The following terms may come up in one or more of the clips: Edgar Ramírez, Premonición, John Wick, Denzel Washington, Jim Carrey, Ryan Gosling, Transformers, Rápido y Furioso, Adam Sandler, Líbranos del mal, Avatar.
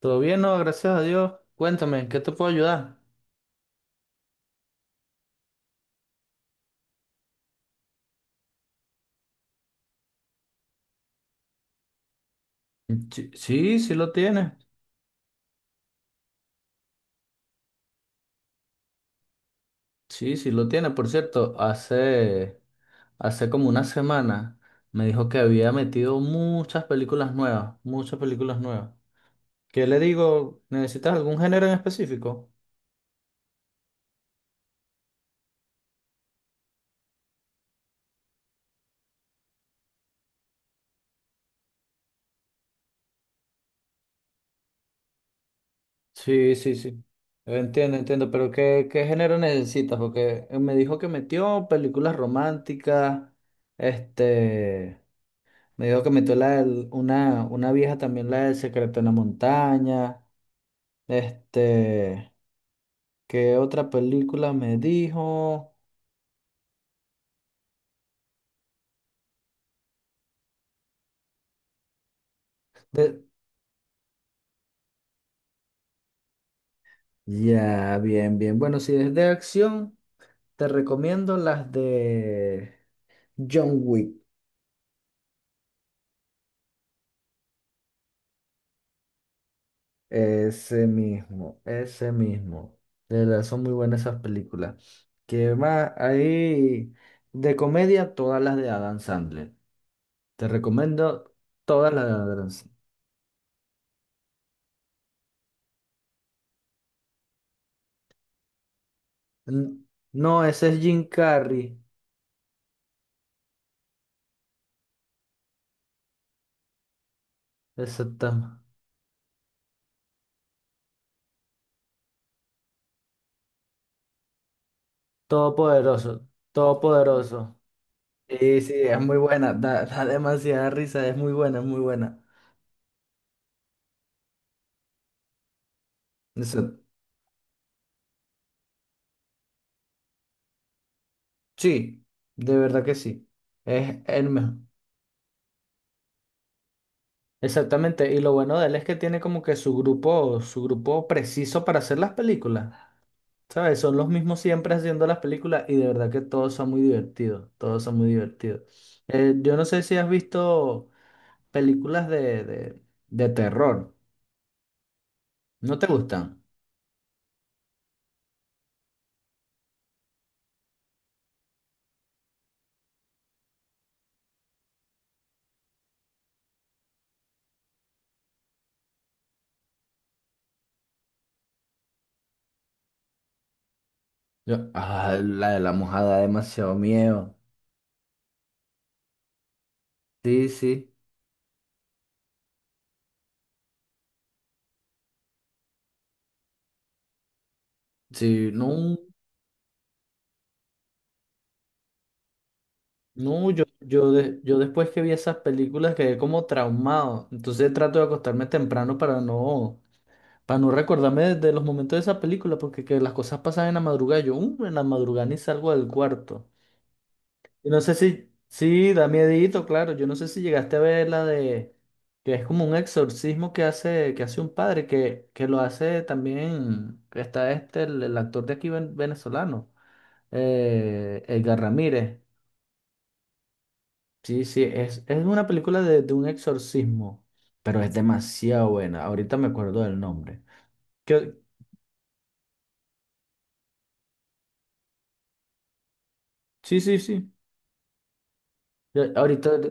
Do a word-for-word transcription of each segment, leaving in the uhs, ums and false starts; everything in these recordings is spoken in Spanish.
Todo bien, no, gracias a Dios. Cuéntame, ¿en ¿qué te puedo ayudar? Sí, sí, sí lo tiene. Sí, sí lo tiene. Por cierto, hace, hace como una semana me dijo que había metido muchas películas nuevas, muchas películas nuevas. ¿Qué le digo? ¿Necesitas algún género en específico? Sí, sí, sí. Entiendo, entiendo, pero ¿qué, qué género necesitas? Porque me dijo que metió películas románticas, este... Me dijo que metió la del- una, una vieja también, la del Secreto en la Montaña. Este, ¿qué otra película me dijo? De- ya, bien, bien. Bueno, si es de acción, te recomiendo las de John Wick. Ese mismo, ese mismo. De verdad, son muy buenas esas películas. ¿Qué más? Ahí, de comedia, todas las de Adam Sandler. Te recomiendo todas las de Adam Sandler. N- No, ese es Jim Carrey. Exactamente. Todopoderoso. Todopoderoso. Sí, sí, es muy buena. Da, da demasiada risa. Es muy buena, es muy buena. Eso- sí, de verdad que sí. Es el mejor. Exactamente. Y lo bueno de él es que tiene como que su grupo, su grupo preciso para hacer las películas. ¿Sabes? Son los mismos siempre haciendo las películas y de verdad que todos son muy divertidos. Todos son muy divertidos. Eh, yo no sé si has visto películas de, de, de terror. ¿No te gustan? Yo, ah, la de la mojada da demasiado miedo. Sí, sí. Sí, no, no, yo, yo, de- yo después que vi esas películas quedé como traumado. Entonces trato de acostarme temprano para no, para no recordarme de, de los momentos de esa película, porque que las cosas pasan en la madrugada. Yo, "Uh, en la madrugada ni salgo del cuarto. Yo no sé si, sí, da miedito, claro. Yo no sé si llegaste a ver la de que es como un exorcismo que hace, que hace un padre, que, que lo hace también, que está este, el, el actor de aquí ven- venezolano, eh, Edgar Ramírez. Sí, sí, es, es una película de, de un exorcismo, pero es demasiado buena. Ahorita me acuerdo del nombre. Que, sí, sí, sí. Yo- ahorita,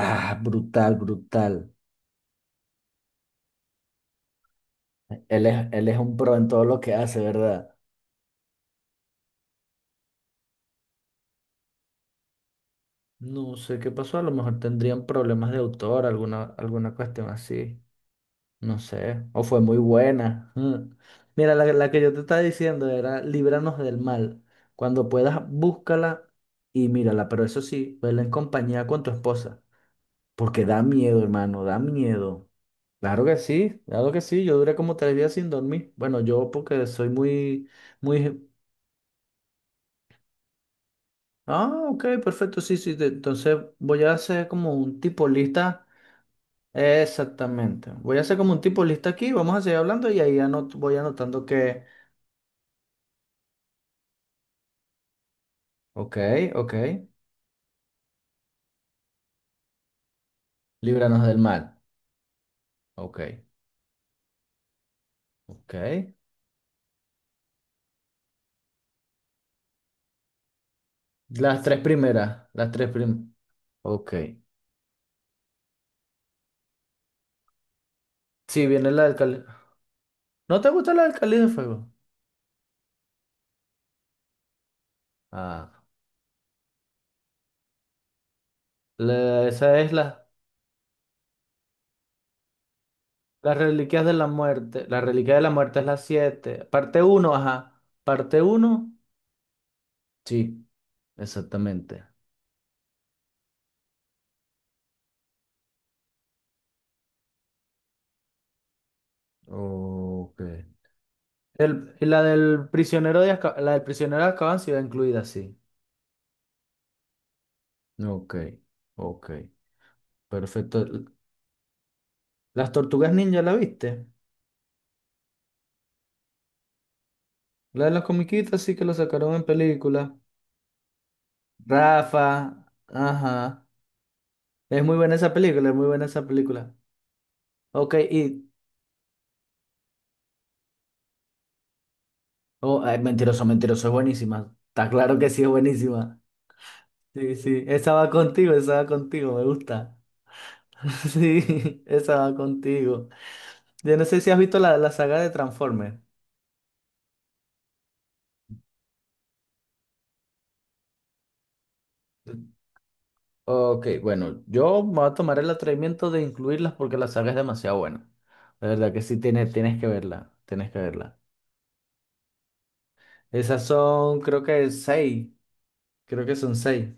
ah, brutal, brutal. Él es, él es un pro en todo lo que hace, ¿verdad? No sé qué pasó, a lo mejor tendrían problemas de autor, alguna, alguna cuestión así, no sé, o fue muy buena. Mm. Mira, la, la que yo te estaba diciendo era Líbranos del mal. Cuando puedas, búscala y mírala, pero eso sí, vela en compañía con tu esposa, porque da miedo, hermano, da miedo. Claro que sí, claro que sí, yo duré como tres días sin dormir. Bueno, yo porque soy muy, muy. Ah, ok, perfecto, sí, sí, te- entonces voy a hacer como un tipo lista. Exactamente. Voy a hacer como un tipo lista aquí, vamos a seguir hablando y ahí anot- voy anotando que, ok, ok, líbranos del mal. Ok, ok. Las tres primeras, las tres primeras. Ok. Sí, viene la del Cali. ¿No te gusta la del Cali de Fuego? Ah, la- esa es la, las reliquias de la muerte. La reliquia de la muerte es la siete. Parte uno, ajá. Parte uno. Sí, exactamente. Ok. El- y la del prisionero de Azca- la del prisionero de Azkaban sí va incluida, sí. Ok, ok, perfecto. Las tortugas ninja, ¿la viste? La de las comiquitas sí que la sacaron en película. Rafa, ajá. Es muy buena esa película, es muy buena esa película. Ok, y... Oh, ay, mentiroso, mentiroso, es buenísima. Está claro que sí, es buenísima. Sí, sí, esa va contigo, esa va contigo, me gusta. Sí, esa va contigo. Yo no sé si has visto la, la saga de Transformers. Ok, bueno, yo me voy a tomar el atrevimiento de incluirlas porque la saga es demasiado buena. De verdad que sí tienes, tienes que verla, tienes que verla. Esas son, creo que seis, creo que son seis.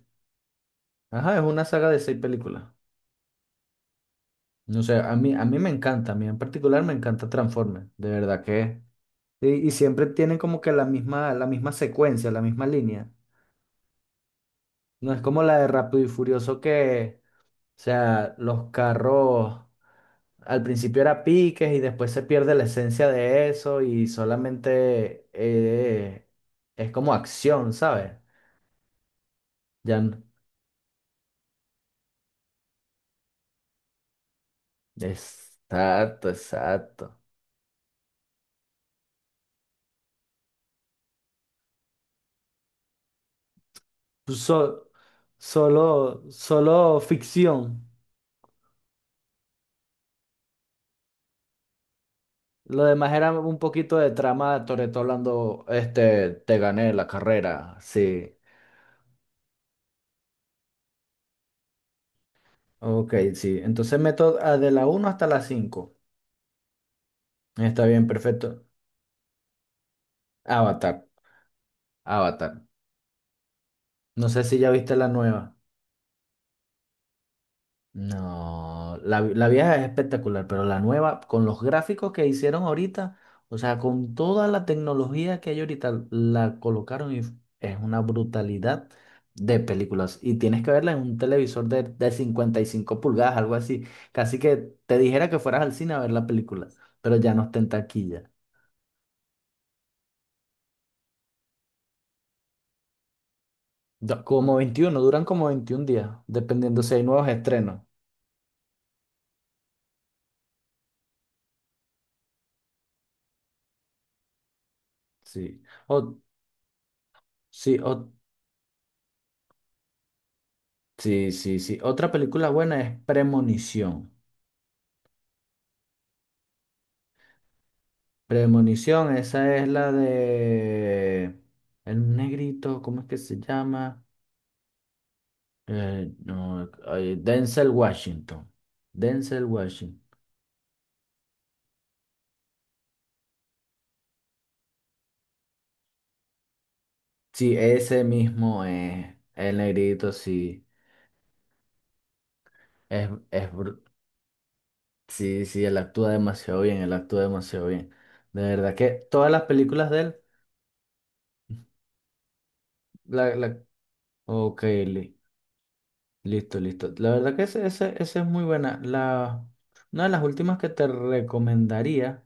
Ajá, es una saga de seis películas. No sé, a mí, a mí me encanta, a mí en particular me encanta Transformers, de verdad que. Y, y siempre tienen como que la misma, la misma secuencia, la misma línea. No es como la de Rápido y Furioso que, o sea, los carros. Al principio era piques y después se pierde la esencia de eso y solamente eh, es como acción, ¿sabes? Ya n- Exacto, exacto. So- solo, solo ficción. Lo demás era un poquito de trama de Toretto hablando, este, te gané la carrera, sí. Ok, sí. Entonces meto ah, de la uno hasta la cinco. Está bien, perfecto. Avatar, Avatar. No sé si ya viste la nueva. No, la, la vieja es espectacular, pero la nueva, con los gráficos que hicieron ahorita, o sea, con toda la tecnología que hay ahorita, la colocaron y es una brutalidad de películas. Y tienes que verla en un televisor de, de cincuenta y cinco pulgadas, algo así. Casi que te dijera que fueras al cine a ver la película, pero ya no está en taquilla. Do- Como veintiuno duran como veintiún días, dependiendo si hay nuevos estrenos. Sí. O, sí, o, sí, sí, sí. Otra película buena es Premonición. Premonición, esa es la de el negrito, ¿cómo es que se llama? Eh, no, ay, Denzel Washington. Denzel Washington. Sí, ese mismo es el negrito, sí. Es, es, br- sí, sí, él actúa demasiado bien, él actúa demasiado bien. De verdad que todas las películas de él, la, la, ok, li- Listo, listo. La verdad que esa ese, ese- esa es muy buena. La, una de las últimas que te recomendaría,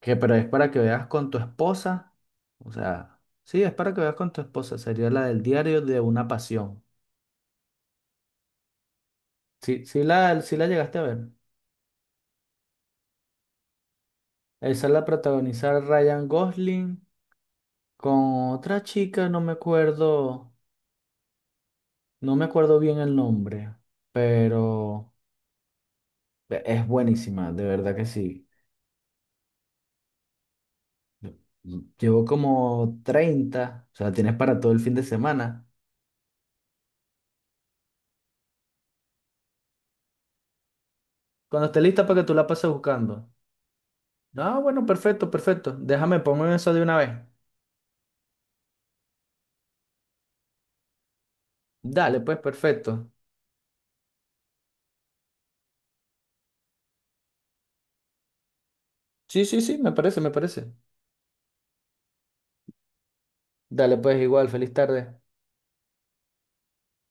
que pero es para que veas con tu esposa, o sea, sí, es para que veas con tu esposa, sería la del diario de una pasión. Sí, sí la, sí la llegaste a ver. Esa la protagoniza Ryan Gosling con otra chica, no me acuerdo, no me acuerdo bien el nombre, pero e, es buenísima, de verdad que sí. Llevo como treinta o sea, tienes para todo el fin de semana. Cuando esté lista para que tú la pases buscando. Ah, bueno, perfecto, perfecto. Déjame, ponme eso de una vez. Dale, pues, perfecto. Sí, sí, sí, me parece, me parece. Dale, pues, igual, feliz tarde.